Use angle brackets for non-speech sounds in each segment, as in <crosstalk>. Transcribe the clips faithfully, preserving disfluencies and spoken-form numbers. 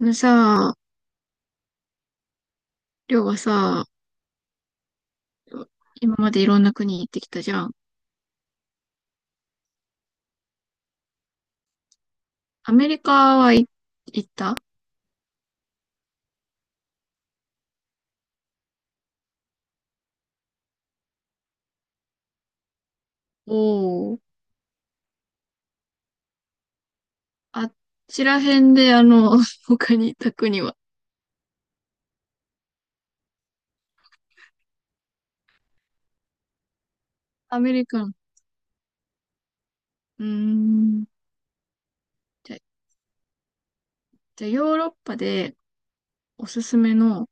あのさ、りょうがさ、今までいろんな国行ってきたじゃん。アメリカはい行った。おー。あっちら辺で、あの、<laughs> 他に行った国は。アメリカの。うーん。じゃ、じゃあヨーロッパでおすすめの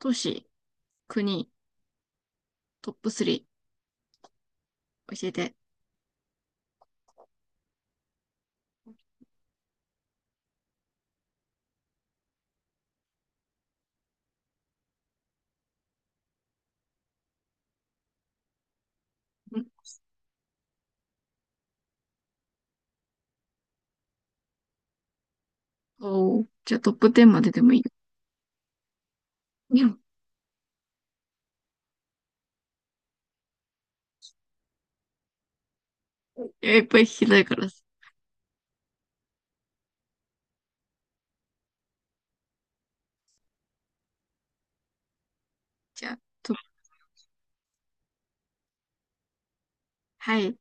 都市、国、トップスリー教えて。ん。おー。じゃあトップじゅうまででもいいよ。うん。いや、いっぱい聞きたいからさ。じゃあ、トップ、はい。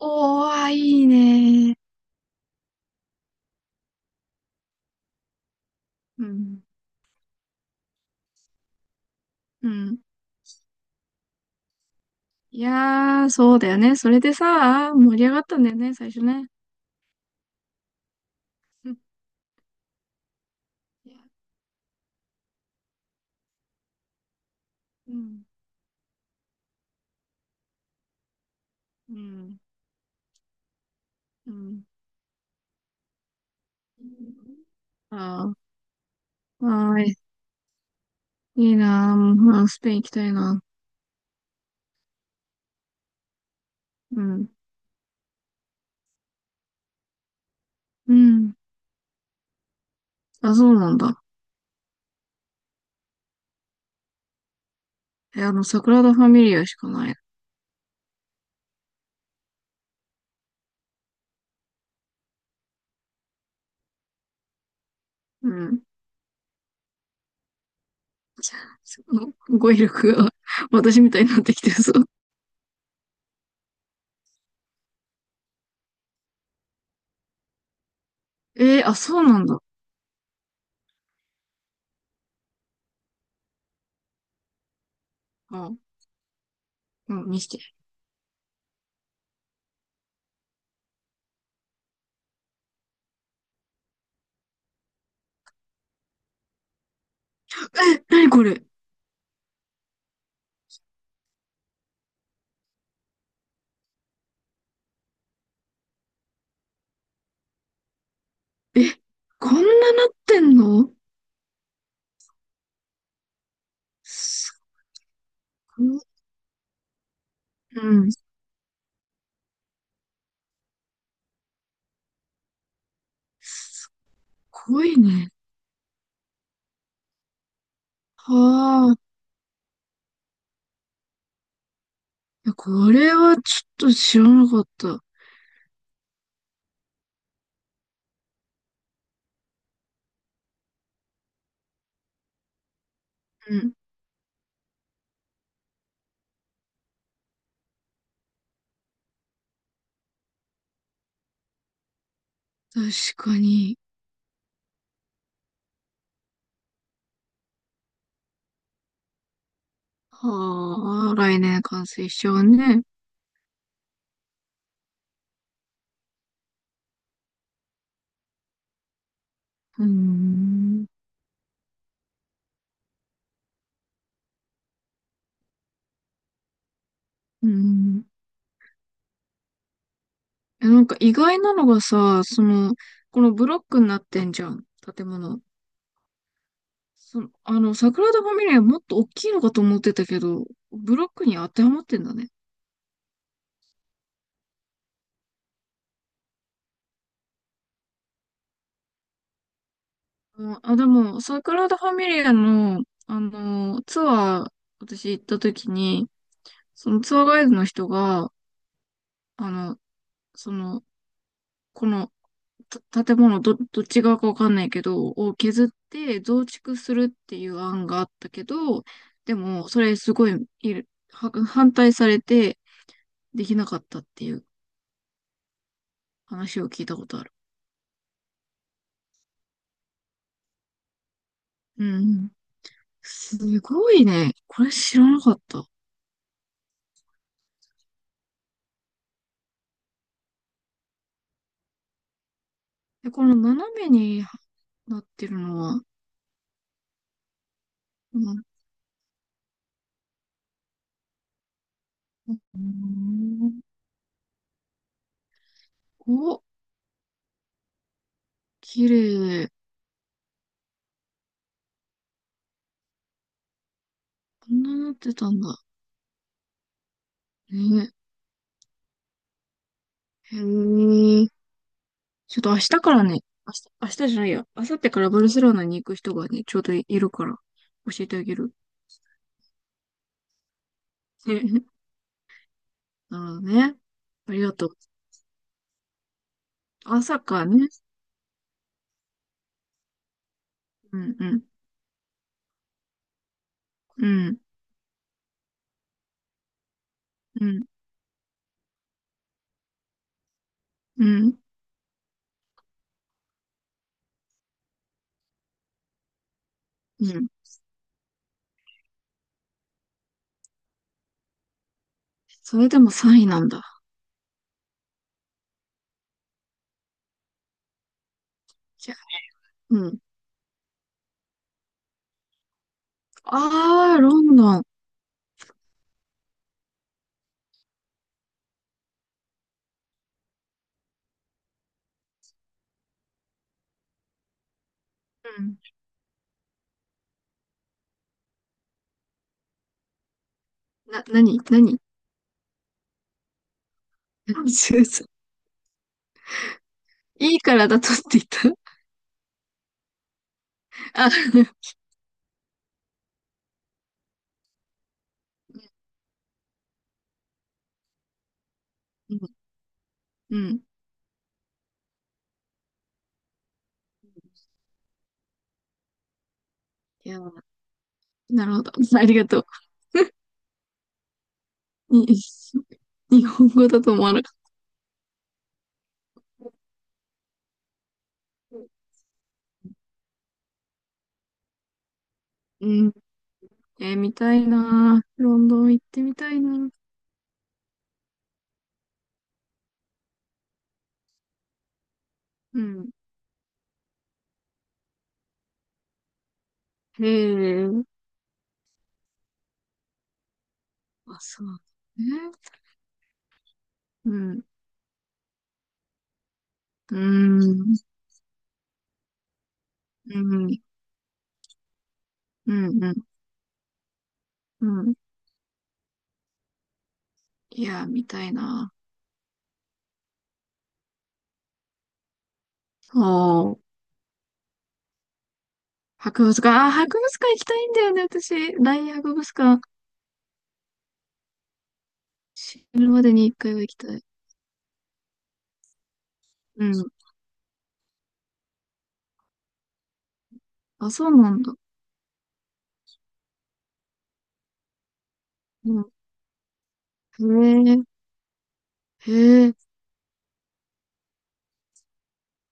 おー、あ、いいね。うん。うん。いやー、そうだよね。それでさ、盛り上がったんだよね、最初ね。<laughs> うん。いや、うん。うん。うん。ああ、はーい。いいなー、もう、スペイン行きたいな。うん。うん。あ、そうなんだ。え、あの、サグラダ・ファミリアしかない。うん。すご語彙力が <laughs> 私みたいになってきてるぞ。えー、あ、そうなんだ。あ、うん、見して。え、なにこれ。え、こんななってんの。すごい。うん。濃いね。はあ。いや、これはちょっと知らなかった。うん。確かに。はあ、来年完成しちゃうね。うーん。うーん。え、なんか意外なのがさ、その、このブロックになってんじゃん。建物。その、あの、桜田ファミリアもっと大きいのかと思ってたけど、ブロックに当てはまってんだね。うん、あ、でも、桜田ファミリアの、あの、ツアー、私行った時に、そのツアーガイドの人が、あの、その、この、た建物ど、どっち側かわかんないけど、を削って増築するっていう案があったけど、でも、それすごい、いる、は反対されてできなかったっていう話を聞いたことある。うん、うん。すごいね。これ知らなかった。で、この斜めになってるのは、うん。うん。お、綺麗。こんななってたんだ。ね。へえ。ちょっと明日からね、明日、明日じゃないや、明後日からバルセロナに行く人がね、ちょうどいるから、教えてあげる。え、<laughs> なるほどね。ありがとう。朝かね。うん、うん、うん、うん、うん、うん。それでもさんいなんだ。じゃあ、うん。あー、ロンドン。うん。な、なに、なに。 <laughs> そうそう。いいからだとって言った。あ、うん、うん。いや、なるほど。ありがとう。に、日本語だと思わなかった。うん。えー、見たいなー。ロンドン行ってみたいなー。うん。へえ。あ、そうね。うん。うん。うん。うん。うん。うん。いやー、見たいなー。そう。博物館。あー、博物館行きたいんだよね、私。大博物館。いるまでに一回は行きたい。うん。あ、そうなんだ。うん。へえ。へえ。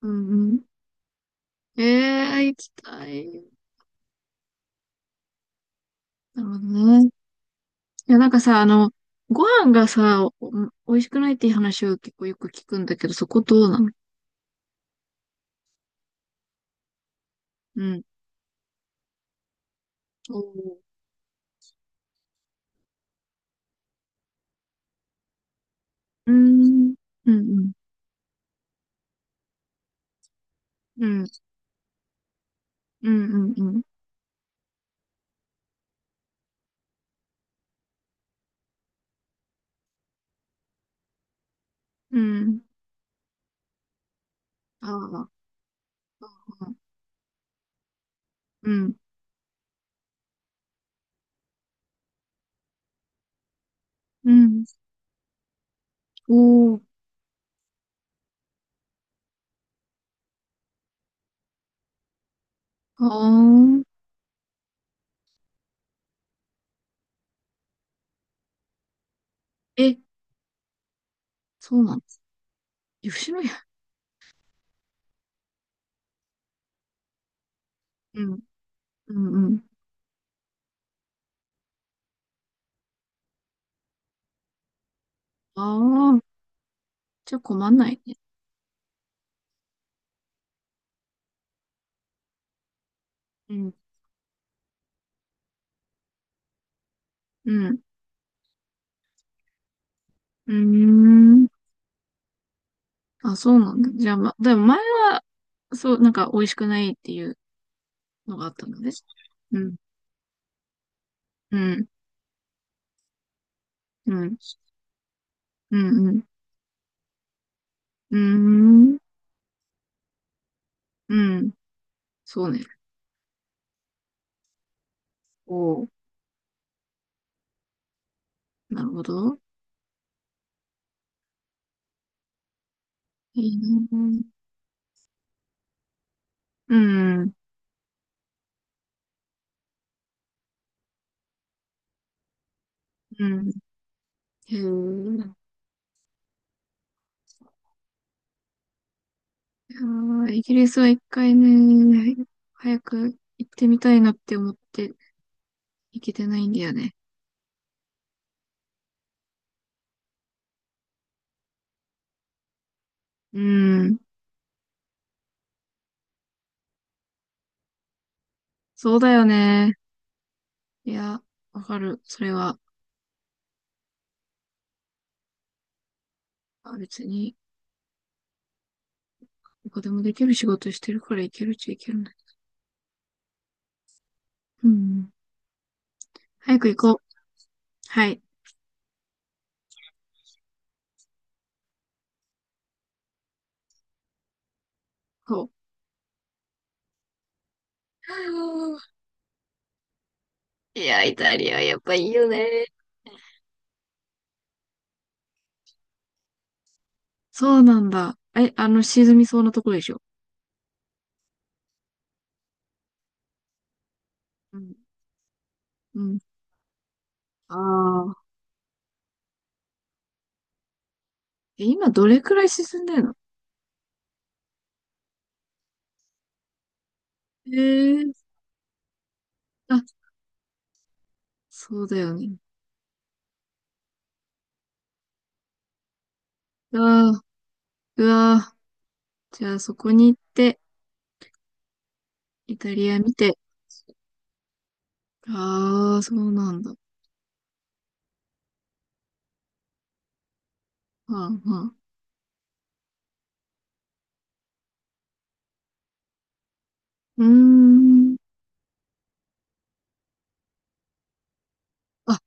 うん。うん。へえ、行きたい。なるほどね。いや、なんかさ、あの、ご飯がさ、お美味しくないっていう話を結構よく聞くんだけど、そこどうなの。うん。おー。うーん。うん、うん、うん、うん、うん、うん。うん。ああ、うん、うん。おー、ああ。え、そうなの。吉野家。うん、うん、うん。ああ、じゃあ困んないね。うん、うん、うーん。あ、そうなんだ。じゃあ、ま、でも前は、そう、なんか美味しくないっていうのがあったのね。うん。うん。うん。うん、うん。うーん。うん。そうね。おー。なるほど。いいな。うん。うん。へえ。いやーイギリスは一回ね、早く行ってみたいなって思って行けてないんだよね。うん。そうだよね。いや、わかる。それは、あ、別に、どこでもできる仕事してるから行けるっちゃ行けるね。うん。早く行こう。はい。こう。はあ。いや、イタリアやっぱいいよね。そうなんだ。え、あの、沈みそうなところでしょ。うん。うん。ああ。え、今どれくらい沈んでるの。ええー。あ、そうだよね。ああ、うわー。じゃあそこに行って、イタリア見て。ああ、そうなんだ。はんはん。うーん。あ、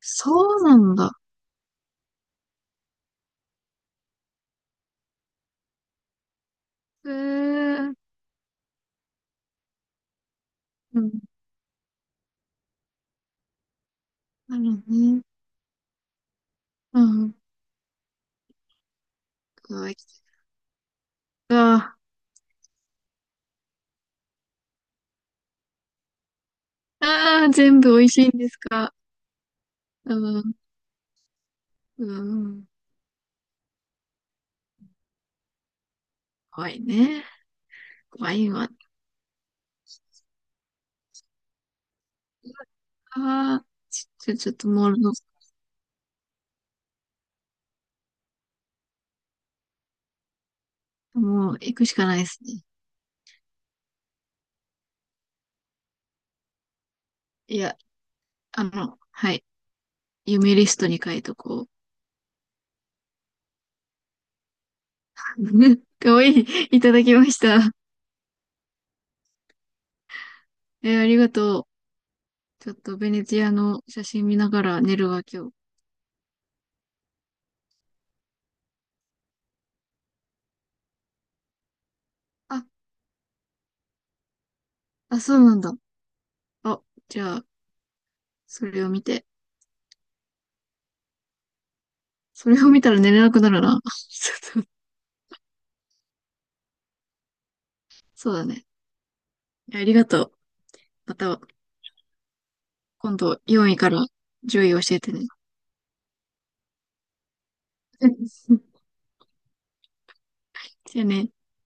そうなんだ。ええー。うん。なるほどね。うん。うわ、行きたい。ああー、全部美味しいんですか。うん。うん。怖いね。怖いわ。ああ、ちょ、ちょっともう、のもう行くしかないですね。いや、あの、はい。夢リストに書いとこう。<laughs> かわいい。いただきました。えー、ありがとう。ちょっとベネチアの写真見ながら寝るわ、今日。あ、あ、そうなんだ。あ、じゃあ、それを見て。それを見たら寝れなくなるな。<laughs> ちょっと、そうだね。いや、ありがとう。また、今度よんいからじゅうい教えてね。<laughs> じゃあね。